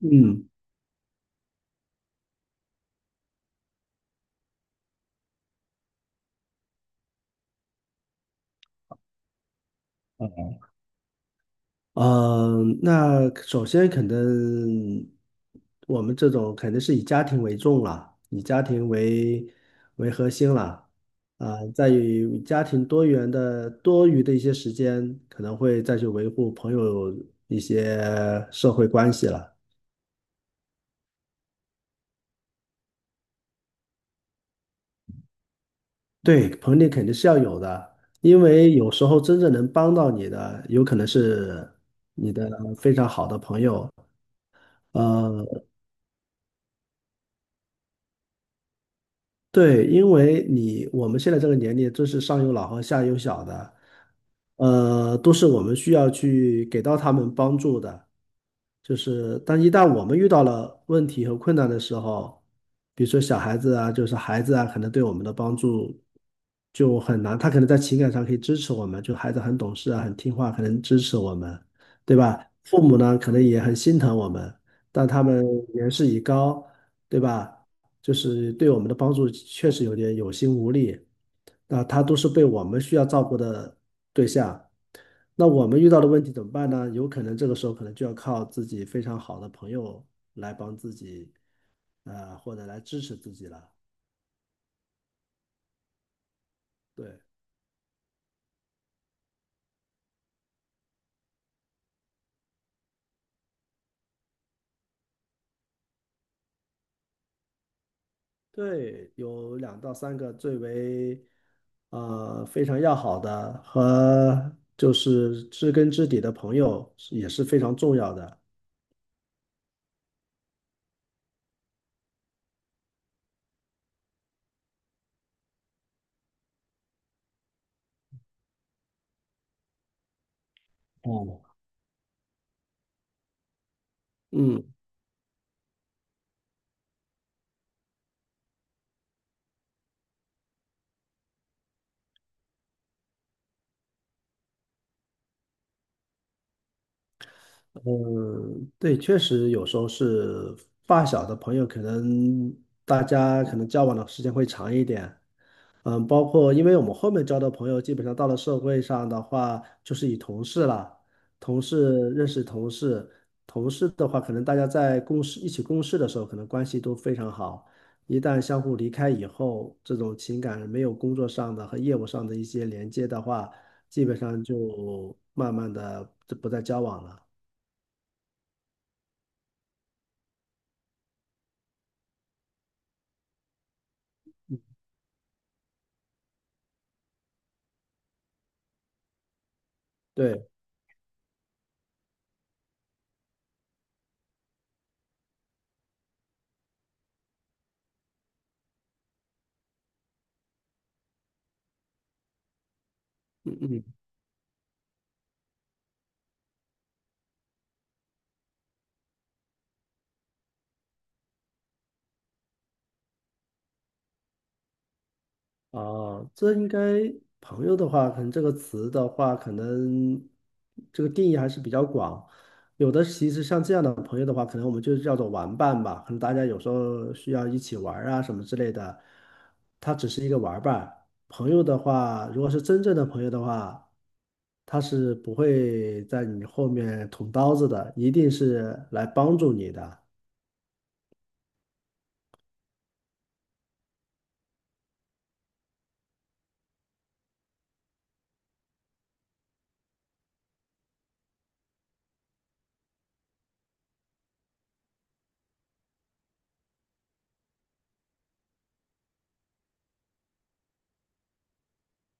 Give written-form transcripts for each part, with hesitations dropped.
嗯。嗯那首先肯定，我们这种肯定是以家庭为重了，以家庭为核心了。在于家庭多元的多余的一些时间，可能会再去维护朋友一些社会关系了。对，朋友肯定是要有的，因为有时候真正能帮到你的，有可能是你的非常好的朋友。呃。对，因为我们现在这个年龄，真是上有老和下有小的，呃，都是我们需要去给到他们帮助的。就是，但一旦我们遇到了问题和困难的时候，比如说小孩子啊，就是孩子啊，可能对我们的帮助就很难。他可能在情感上可以支持我们，就孩子很懂事啊，很听话，可能支持我们，对吧？父母呢，可能也很心疼我们，但他们年事已高，对吧？就是对我们的帮助确实有点有心无力。那他都是被我们需要照顾的对象，那我们遇到的问题怎么办呢？有可能这个时候可能就要靠自己非常好的朋友来帮自己，或者来支持自己了。对对，有两到三个最为非常要好的和就是知根知底的朋友是也是非常重要的。哦，嗯。嗯，对，确实有时候是发小的朋友，可能大家可能交往的时间会长一点。嗯，包括因为我们后面交的朋友，基本上到了社会上的话，就是以同事了，同事认识同事，同事的话，可能大家在一起共事的时候，可能关系都非常好。一旦相互离开以后，这种情感没有工作上的和业务上的一些连接的话，基本上就慢慢的就不再交往了。对。嗯嗯，这应该朋友的话，可能这个词的话，可能这个定义还是比较广。有的其实像这样的朋友的话，可能我们就叫做玩伴吧，可能大家有时候需要一起玩儿啊什么之类的。他只是一个玩伴，朋友的话，如果是真正的朋友的话，他是不会在你后面捅刀子的，一定是来帮助你的。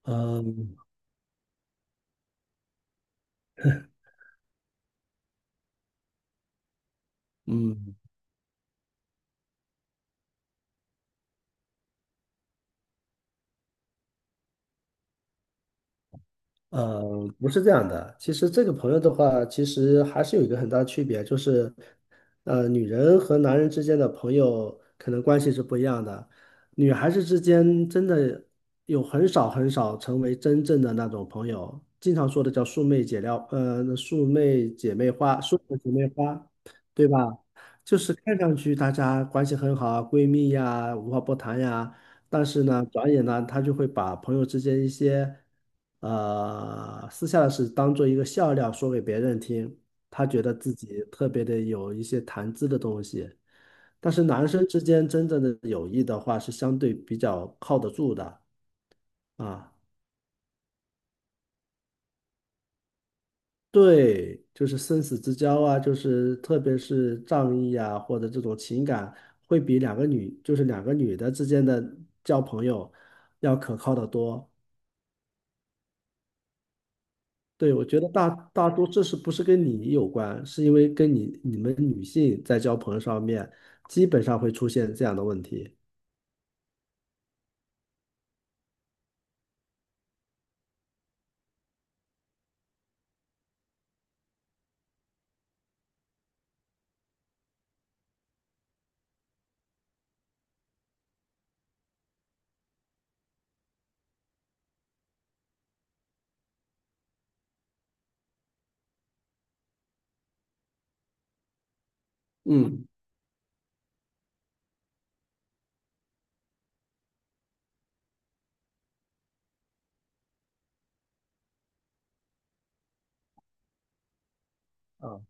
嗯嗯，呃，不是这样的。其实这个朋友的话，其实还是有一个很大的区别，就是，呃，女人和男人之间的朋友可能关系是不一样的。女孩子之间真的有很少很少成为真正的那种朋友，经常说的叫“素昧姐撩”，呃，“素昧姐妹花”，对吧？就是看上去大家关系很好啊，闺蜜呀，无话不谈呀，但是呢，转眼呢，他就会把朋友之间一些私下的事当做一个笑料说给别人听，他觉得自己特别的有一些谈资的东西。但是男生之间真正的友谊的话，是相对比较靠得住的啊。对，就是生死之交啊，就是特别是仗义啊，或者这种情感，会比两个女，就是两个女的之间的交朋友要可靠的多。对，我觉得大多这是不是跟你有关，是因为你们女性在交朋友上面，基本上会出现这样的问题。嗯，啊，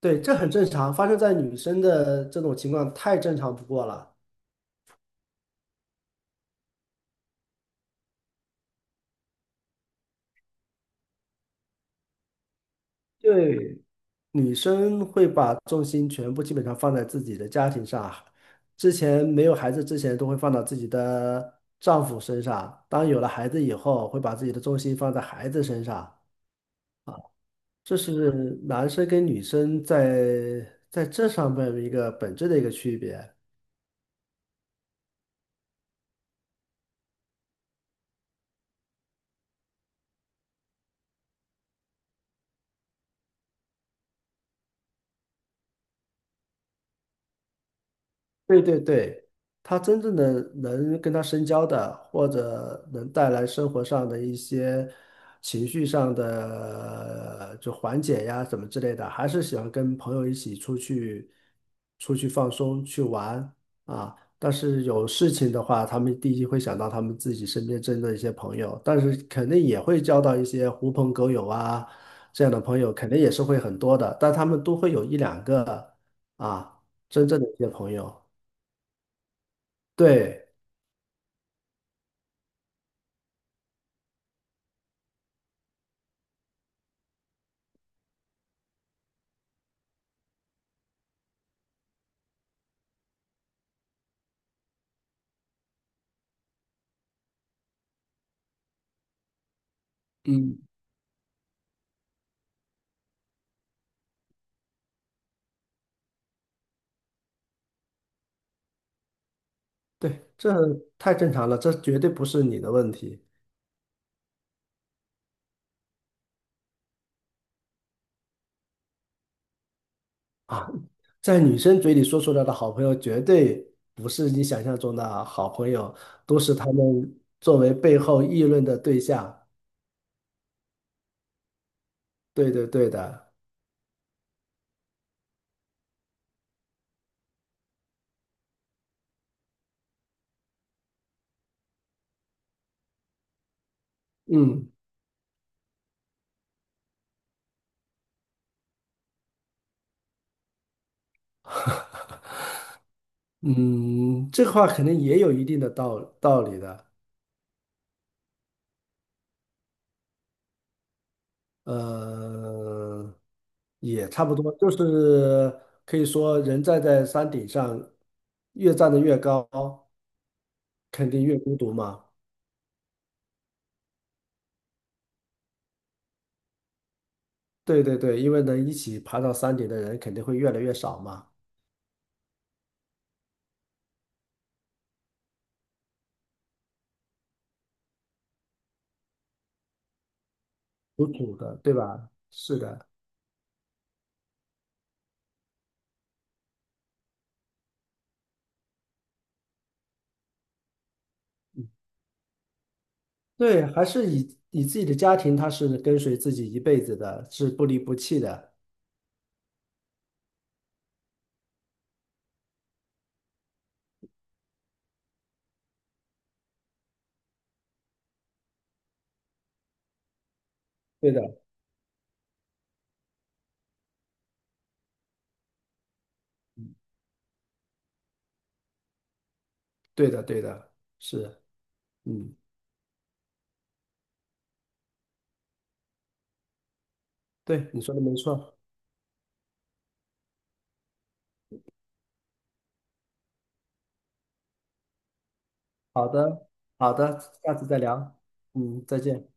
对，这很正常，发生在女生的这种情况太正常不过了。对，女生会把重心全部基本上放在自己的家庭上，之前没有孩子之前都会放到自己的丈夫身上，当有了孩子以后，会把自己的重心放在孩子身上。这是男生跟女生在这上面一个本质的一个区别。对，他真正的能跟他深交的，或者能带来生活上的一些情绪上的就缓解呀什么之类的，还是喜欢跟朋友一起出去放松去玩啊。但是有事情的话，他们第一会想到他们自己身边真的一些朋友，但是肯定也会交到一些狐朋狗友啊这样的朋友，肯定也是会很多的，但他们都会有一两个啊真正的一些朋友。对，嗯，对，这太正常了，这绝对不是你的问题。啊！在女生嘴里说出来的好朋友，绝对不是你想象中的好朋友，都是他们作为背后议论的对象。对的，嗯嗯，这话肯定也有一定的道理的，呃，也差不多，就是可以说人站在山顶上，越站得越高，肯定越孤独嘛。对，因为能一起爬到山顶的人肯定会越来越少嘛，有主的，对吧？是的，对，还是以自己的家庭，他是跟随自己一辈子的，是不离不弃的。对的，对的，对的，是，嗯，对，你说的没错。好的，好的，下次再聊。嗯，再见。